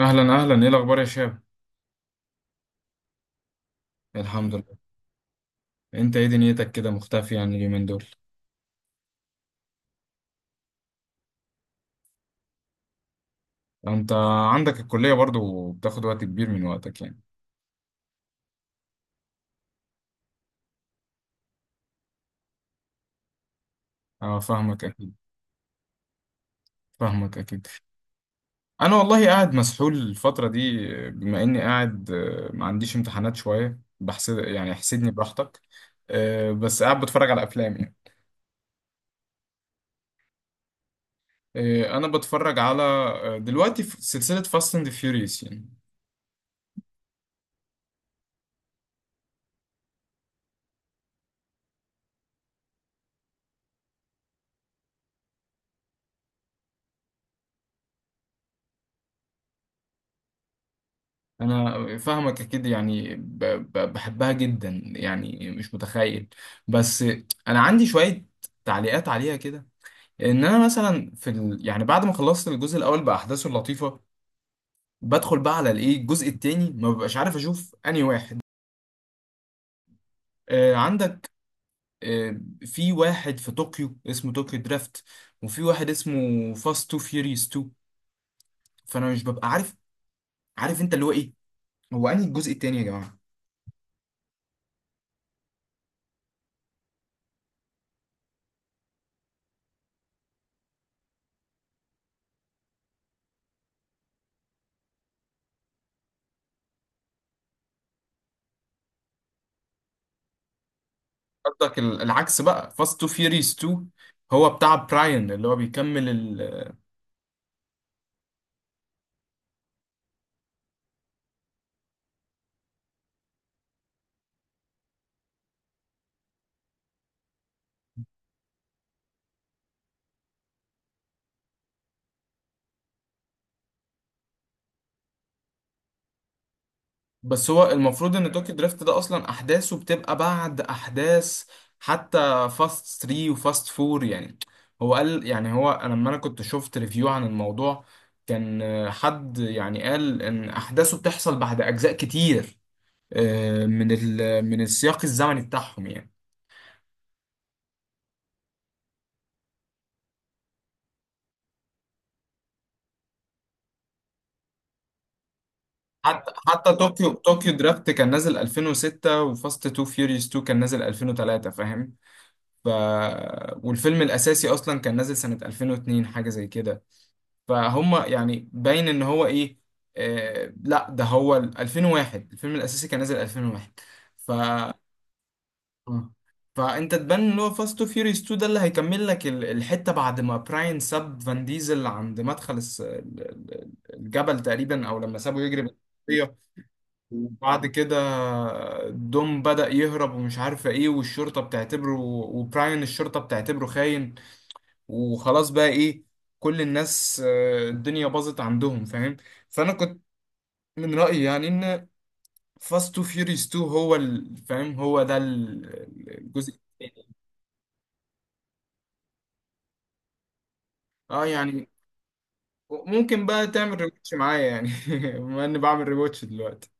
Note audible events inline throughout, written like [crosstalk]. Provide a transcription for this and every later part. اهلا اهلا، ايه الاخبار يا شاب؟ الحمد لله. انت ايه دنيتك كده مختفي يعني اليومين دول؟ انت عندك الكليه برضو بتاخد وقت كبير من وقتك يعني. اه، فاهمك اكيد. فاهمك اكيد. انا والله قاعد مسحول الفتره دي بما اني قاعد، ما عنديش امتحانات شويه، بحسد يعني احسدني براحتك. بس قاعد بتفرج على افلام يعني. انا بتفرج على دلوقتي في سلسله فاست اند فيوريوس يعني. انا فاهمك اكيد، يعني بحبها جدا يعني مش متخيل. بس انا عندي شوية تعليقات عليها كده، ان انا مثلا يعني بعد ما خلصت الجزء الاول باحداثه اللطيفة، بدخل بقى على الايه الجزء التاني، ما ببقاش عارف اشوف انهي واحد. عندك في واحد في طوكيو اسمه طوكيو درافت، وفي واحد اسمه فاست تو فيوريوس 2، فانا مش ببقى عارف. عارف انت اللي هو ايه، هو انهي الجزء التاني يا جماعة؟ قصدك العكس بقى، فاست تو فيوريز 2 هو بتاع براين اللي هو بيكمل بس هو المفروض ان توكي دريفت ده اصلا احداثه بتبقى بعد احداث حتى فاست 3 وفاست 4 يعني. هو قال يعني، هو أنا لما انا كنت شفت ريفيو عن الموضوع، كان حد يعني قال ان احداثه بتحصل بعد اجزاء كتير، من السياق الزمني بتاعهم يعني. حتى طوكيو درافت كان نازل 2006، وفاست تو فيوريوس 2 كان نازل 2003، فاهم؟ ف والفيلم الاساسي اصلا كان نازل سنة 2002 حاجة زي كده، فهم يعني باين ان هو ايه. آه لا، ده هو 2001، الفيلم الاساسي كان نازل 2001. ف آه. فانت تبان ان هو فاست تو فيوريوس 2 ده اللي هيكمل لك الحتة بعد ما براين ساب فان ديزل عند مدخل الجبل تقريبا، او لما سابه يجري. وبعد كده دوم بدأ يهرب ومش عارفة ايه، والشرطة بتعتبره وبراين الشرطة بتعتبره خاين، وخلاص بقى ايه. كل الناس الدنيا باظت عندهم، فاهم. فأنا كنت من رأيي يعني ان فاست تو فيوريوس 2 هو ال- فاهم هو ده ال- الجزء الثاني. اه يعني ممكن بقى تعمل ريواتش معايا يعني. [laughs] بما اني بعمل ريواتش دلوقتي.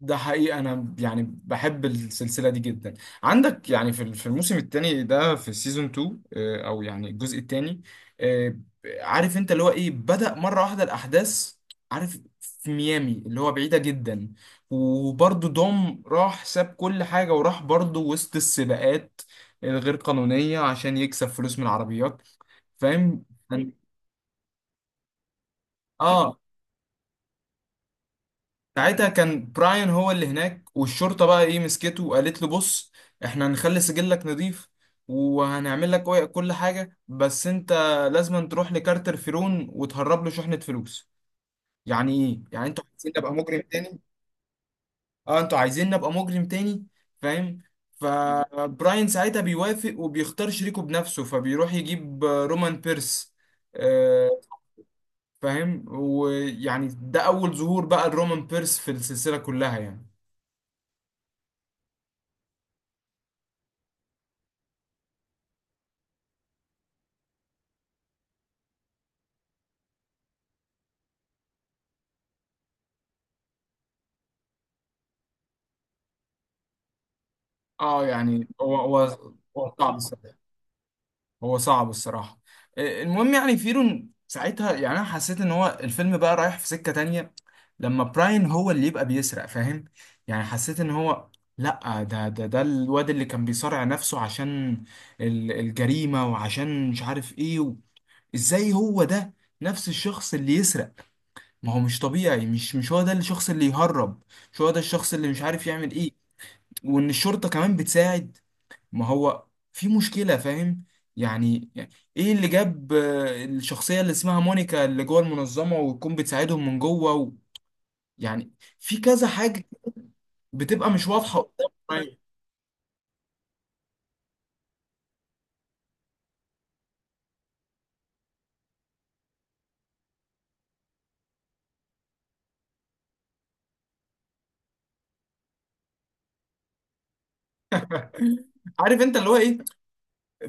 ده حقيقي، انا يعني بحب السلسله دي جدا. عندك يعني في الموسم الثاني ده، في سيزون 2، او يعني الجزء الثاني. عارف انت اللي هو ايه، بدأ مره واحده الاحداث. عارف في ميامي اللي هو بعيده جدا، وبرضه دوم راح ساب كل حاجه وراح برضه وسط السباقات الغير قانونيه عشان يكسب فلوس من العربيات، فاهم. اه، ساعتها كان براين هو اللي هناك، والشرطة بقى ايه مسكته وقالت له بص، احنا هنخلي سجلك نظيف وهنعمل لك كل حاجة، بس انت لازم تروح لكارتر فيرون وتهرب له شحنة فلوس. يعني ايه يعني، انتوا عايزين نبقى مجرم تاني؟ اه، انتوا عايزين نبقى مجرم تاني، فاهم. فبراين ساعتها بيوافق وبيختار شريكه بنفسه، فبيروح يجيب رومان بيرس. آه، فاهم. ويعني ده أول ظهور بقى لرومان بيرس في السلسلة كلها يعني. اه يعني هو هو صعب الصراحه، هو صعب الصراحه. المهم يعني فيرون ساعتها، يعني انا حسيت ان هو الفيلم بقى رايح في سكه تانية لما براين هو اللي يبقى بيسرق، فاهم يعني. حسيت ان هو لا، ده الواد اللي كان بيصارع نفسه عشان الجريمه وعشان مش عارف ايه. ازاي هو ده نفس الشخص اللي يسرق؟ ما هو مش طبيعي، مش هو ده الشخص اللي يهرب، مش هو ده الشخص اللي مش عارف يعمل ايه. وان الشرطه كمان بتساعد، ما هو في مشكلة، فاهم. يعني ايه اللي جاب الشخصية اللي اسمها مونيكا اللي جوه المنظمة وتكون بتساعدهم من جوه. يعني في كذا حاجة بتبقى مش واضحة قدام العين. عارف انت اللي هو ايه،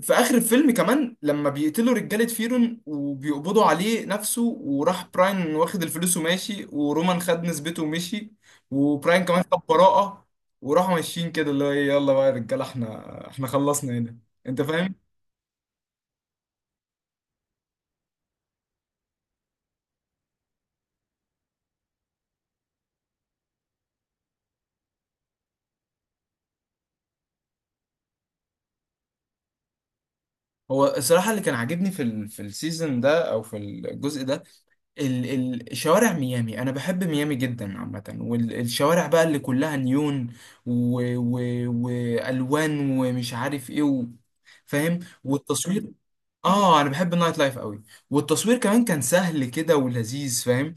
في اخر الفيلم كمان لما بيقتلوا رجالة فيرون وبيقبضوا عليه نفسه، وراح براين واخد الفلوس وماشي، ورومان خد نسبته ومشي، وبراين كمان خد براءة. وراحوا ماشيين كده اللي هو ايه، يلا بقى يا رجالة، احنا خلصنا هنا. انت فاهم. هو الصراحة اللي كان عاجبني في ال في السيزون ده أو في الجزء ده، ال ال شوارع ميامي. أنا بحب ميامي جدا عامة، والشوارع بقى اللي كلها نيون و و وألوان ومش عارف إيه. فاهم. والتصوير. أنا بحب النايت لايف قوي. والتصوير كمان كان سهل كده ولذيذ، فاهم.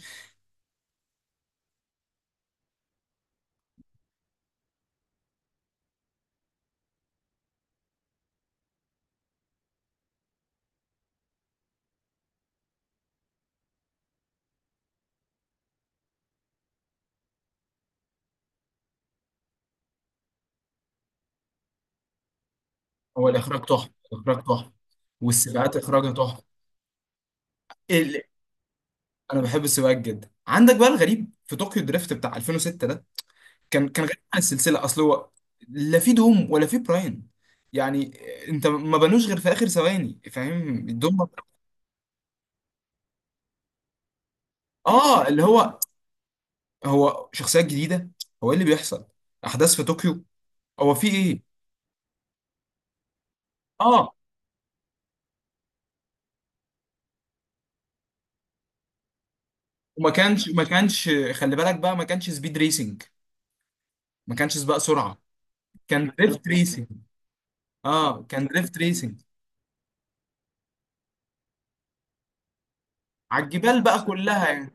هو الإخراج تحفة، الإخراج تحفة، والسباقات إخراجها تحفة. ال- أنا بحب السباقات جدا. عندك بقى الغريب في طوكيو دريفت بتاع 2006، كان غريب عن السلسله، اصل هو لا في دوم ولا في براين، يعني انت ما بنوش غير في اخر ثواني، فاهم الدوم. اه اللي هو، هو شخصيات جديده، هو ايه اللي بيحصل، احداث في طوكيو، هو في ايه. اه، وما كانش خلي بالك بقى، ما كانش سبيد ريسنج، ما كانش سباق سرعه، كان دريفت ريسنج. اه، كان دريفت ريسنج على الجبال بقى كلها،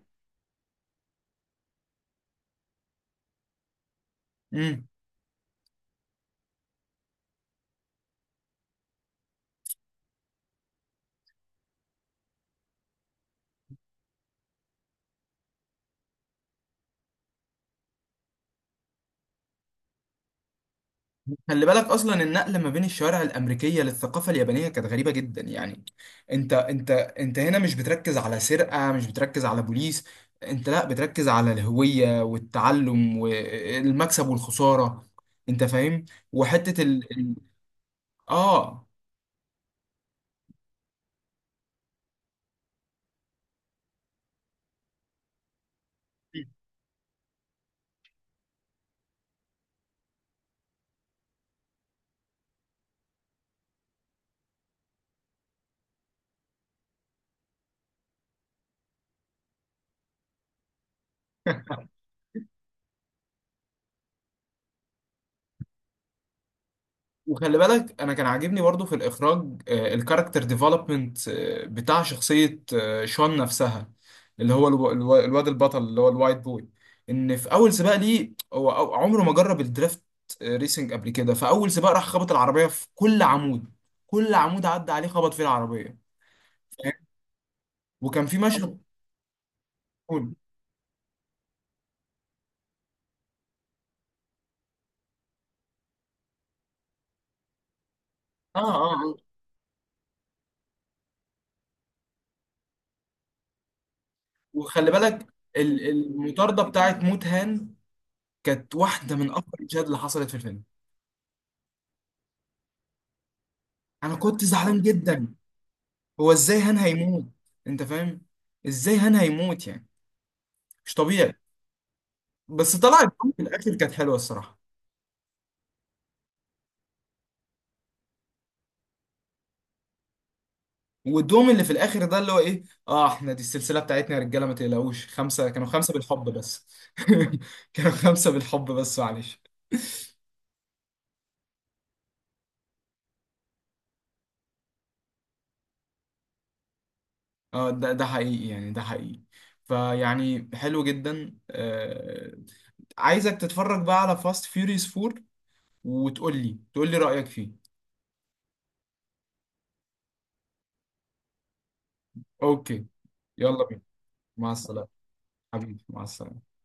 يعني. خلي بالك اصلا النقله ما بين الشوارع الامريكيه للثقافه اليابانيه كانت غريبه جدا يعني. انت هنا مش بتركز على سرقه، مش بتركز على بوليس، انت لا بتركز على الهويه والتعلم والمكسب والخساره. انت فاهم. وحته ال... ال- اه، وخلي بالك انا كان عاجبني برضو في الاخراج الكاركتر ديفلوبمنت بتاع شخصيه شون نفسها، اللي هو الواد البطل اللي هو الوايت بوي، ان في اول سباق ليه هو عمره ما جرب الدريفت ريسنج قبل كده، فاول سباق راح خبط العربيه في كل عمود، كل عمود عدى عليه خبط فيه العربيه، فاهم؟ وكان في مشهد. اه اه آه. وخلي بالك المطارده بتاعت موت هان كانت واحده من اكتر المشاهد اللي حصلت في الفيلم. انا كنت زعلان جدا، هو ازاي هان هيموت؟ انت فاهم، ازاي هان هيموت يعني؟ مش طبيعي. بس طلع الدوم في الاخر، كانت حلوه الصراحه. والدوم اللي في الاخر ده اللي هو ايه، اه احنا دي السلسله بتاعتنا يا رجاله، ما تقلقوش، خمسه كانوا خمسه بالحب بس. [laughs] كانوا خمسه بالحب بس معلش. اه، ده حقيقي، يعني ده حقيقي، فيعني حلو جدا، آه عايزك تتفرج بقى على فاست فيوريوس 4 وتقول لي، تقول لي رايك فيه. اوكي. يلا بينا، مع السلامه، حبيبي مع السلامه.